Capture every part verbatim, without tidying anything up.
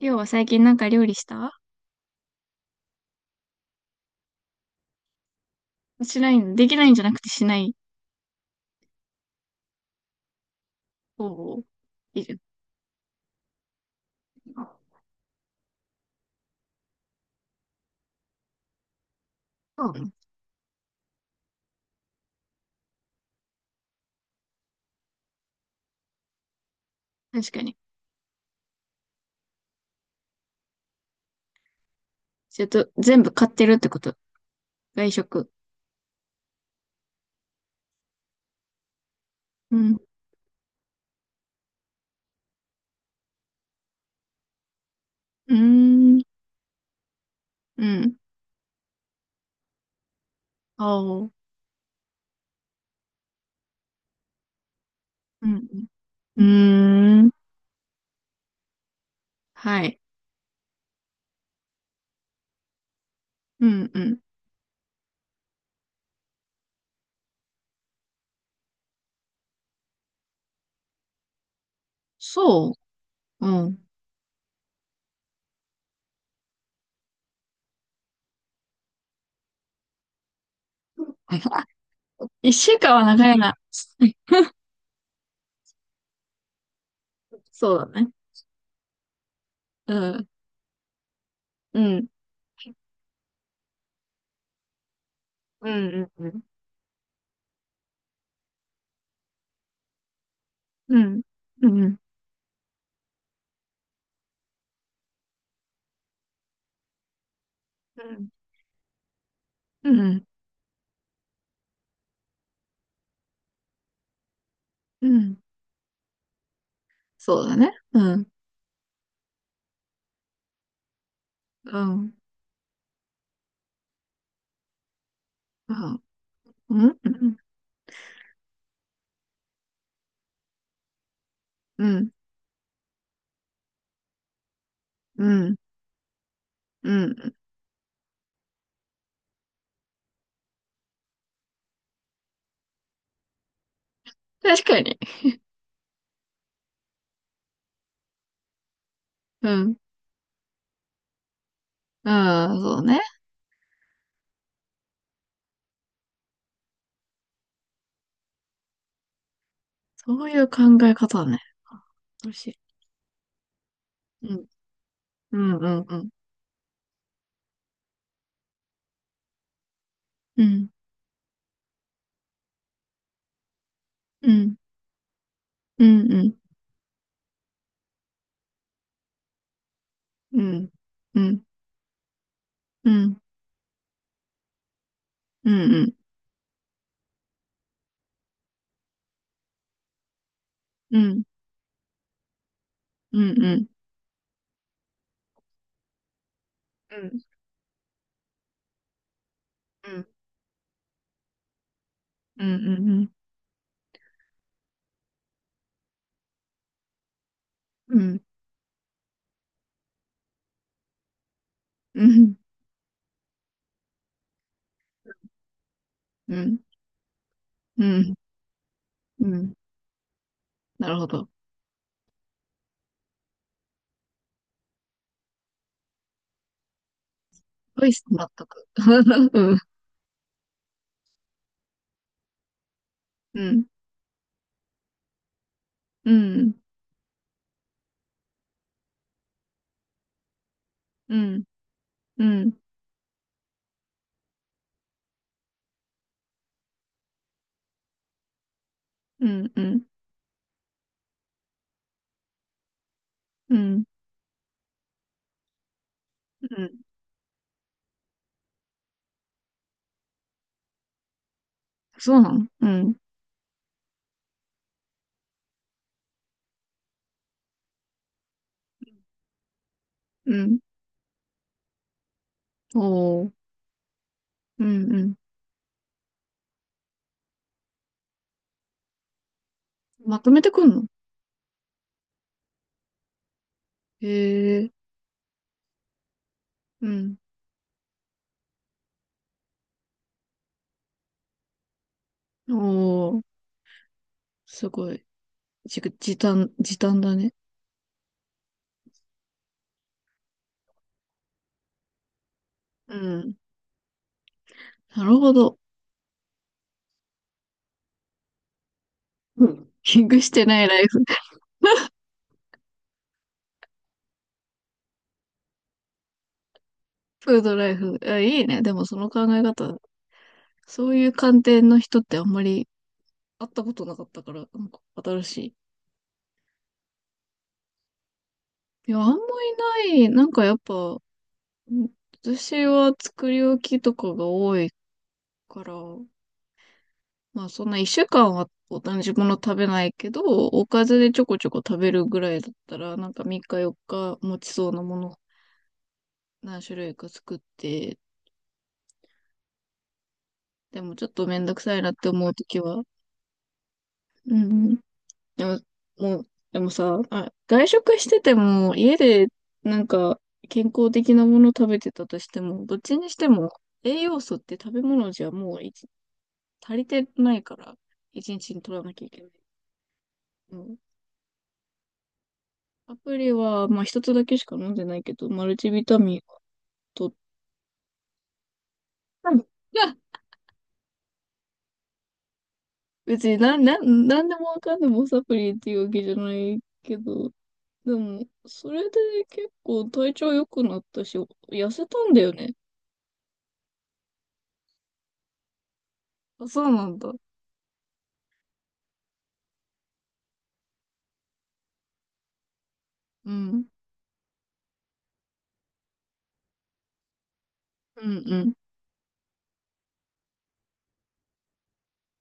りょうは最近なんか料理した？しないの、できないんじゃなくてしない方を、いる。そうね。ん、確かに。ちょっと全部買ってるってこと？外食？うん。うーん。うん。あ、お。うん。うん。うーん。はい。うん。うん。そう。うん。一週間は長いな。そうだね。うん。うん。うん、うん、うん。うん。うん。うん。うん。うん、そうだね。うん。うん。うん。うん。うんうんうん、確かに。うん。ああ、そうね。そういう考え方ね。あ、嬉しい。うん。うんうん。うんうんうんうんうんうんうんうんうんうんうんうんうんうんうんうんうんうんうんうんうんうんなるほど。うい、納得。うんうん。うんうんうんうんうんうんうん。そうなの？うん。うん。おー、うんうん。まとめてくんの？へえ、うん。おー、すごい。じ、時短、時短だね。うん。なるほど。うん。キングしてないライフ。フードライフ。あ、いいね。でもその考え方、そういう観点の人ってあんまり会ったことなかったから、なんか新しい。いや、あんまいない。なんかやっぱ、ん、私は作り置きとかが多いから、まあそんな一週間は同じもの食べないけど、おかずでちょこちょこ食べるぐらいだったら、なんかみっかよっか持ちそうなもの何種類か作って、でもちょっとめんどくさいなって思うときは、うん。でも、もう、でもさ、あ、外食してても家でなんか健康的なもの食べてたとしても、どっちにしても栄養素って食べ物じゃもういち、足りてないから、一日に取らなきゃいけない。アプリは、まあ一つだけしか飲んでないけど、マルチビタミンは取った。別になん、なん、なんでもわかんでもサプリっていうわけじゃないけど、でも、それで結構体調良くなったし、痩せたんだよね。あ、そうなんだ。うん。うん、うん、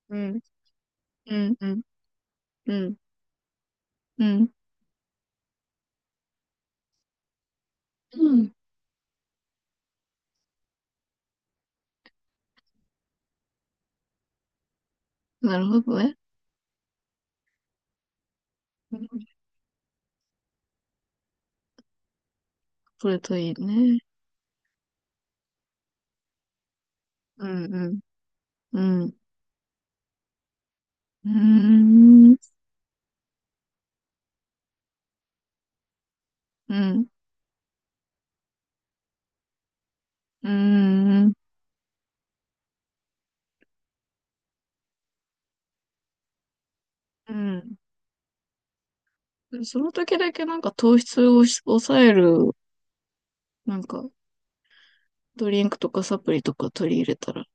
うん、うん、うん、うん、うん。うん、なるほどね。うん、それといいね。うん、うん、うん、うーん、うん、うーん、うん。その時だけなんか糖質をし抑える、なんかドリンクとかサプリとか取り入れたら、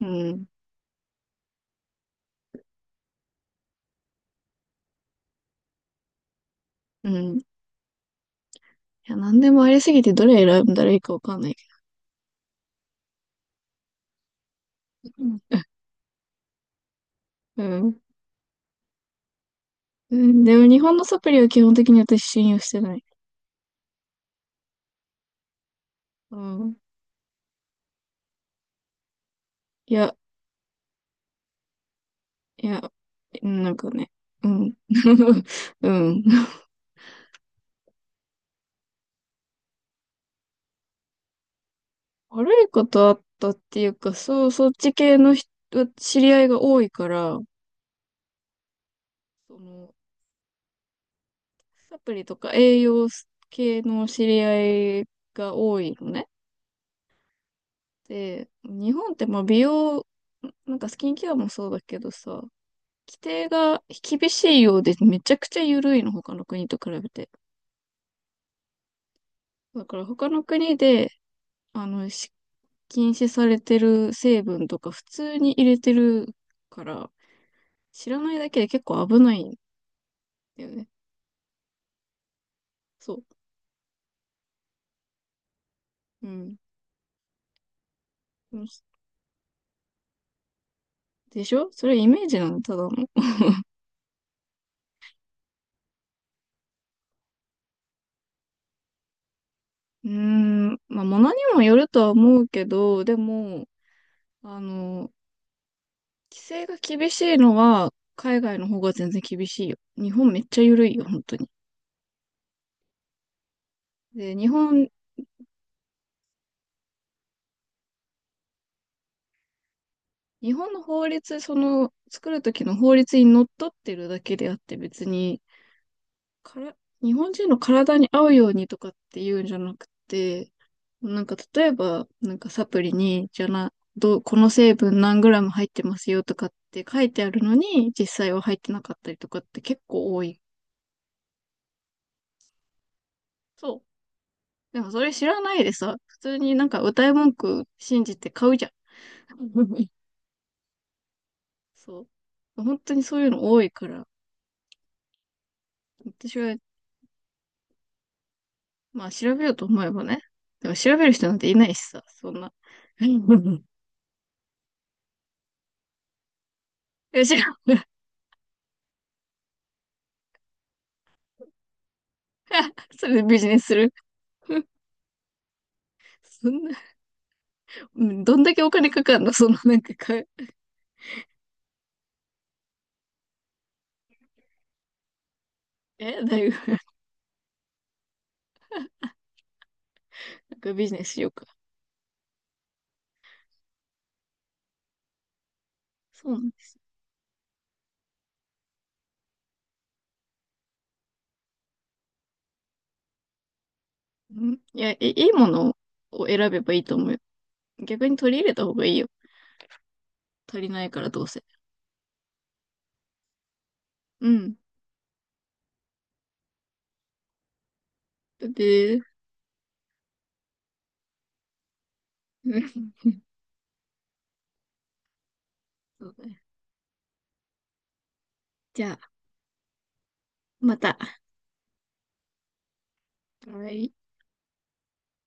うん、うん。いや、なんでもありすぎてどれ選んだらいいかわかんないけど。うん。うんうん、でも日本のサプリは基本的に私信用してない。うん。いや、いや、なんかね、うん。うん。悪いことあったっていうか、そう、そっち系の人、知り合いが多いから、そのサプリとか栄養系の知り合いが多いのね。で、日本ってまあ美容、なんかスキンケアもそうだけどさ、規定が厳しいようでめちゃくちゃ緩いの、他の国と比べて。だから他の国で、あの、し禁止されてる成分とか普通に入れてるから、知らないだけで結構危ないんだよね。そう。うん。でしょ、それイメージなの、ただの。うーん、まあ、ものにもよるとは思うけど、でも、あの、規制が厳しいのは、海外の方が全然厳しいよ。日本めっちゃ緩いよ、本当に。で、日本、日本の法律、その、作るときの法律にのっとってるだけであって、別に、から、日本人の体に合うようにとかって言うんじゃなくて、なんか例えば、なんかサプリに、じゃな、どう、この成分何グラム入ってますよとかって書いてあるのに、実際は入ってなかったりとかって結構多い。そう。でもそれ知らないでさ、普通になんか歌い文句信じて買うじゃん。そう。本当にそういうの多いから、私は、まあ調べようと思えばね。でも調べる人なんていないしさ、そんな。調違う。それでビジネスする。そんな、うん、どんだけお金かかんのその、なんかか、え、だいぶ、なんかビジネスしようか。そうなんです。うん、いや、いいいものを選べばいいと思うよ。逆に取り入れた方がいいよ。足りないからどうせ。うん。ブ。 そうだね。じゃあ、また。はい。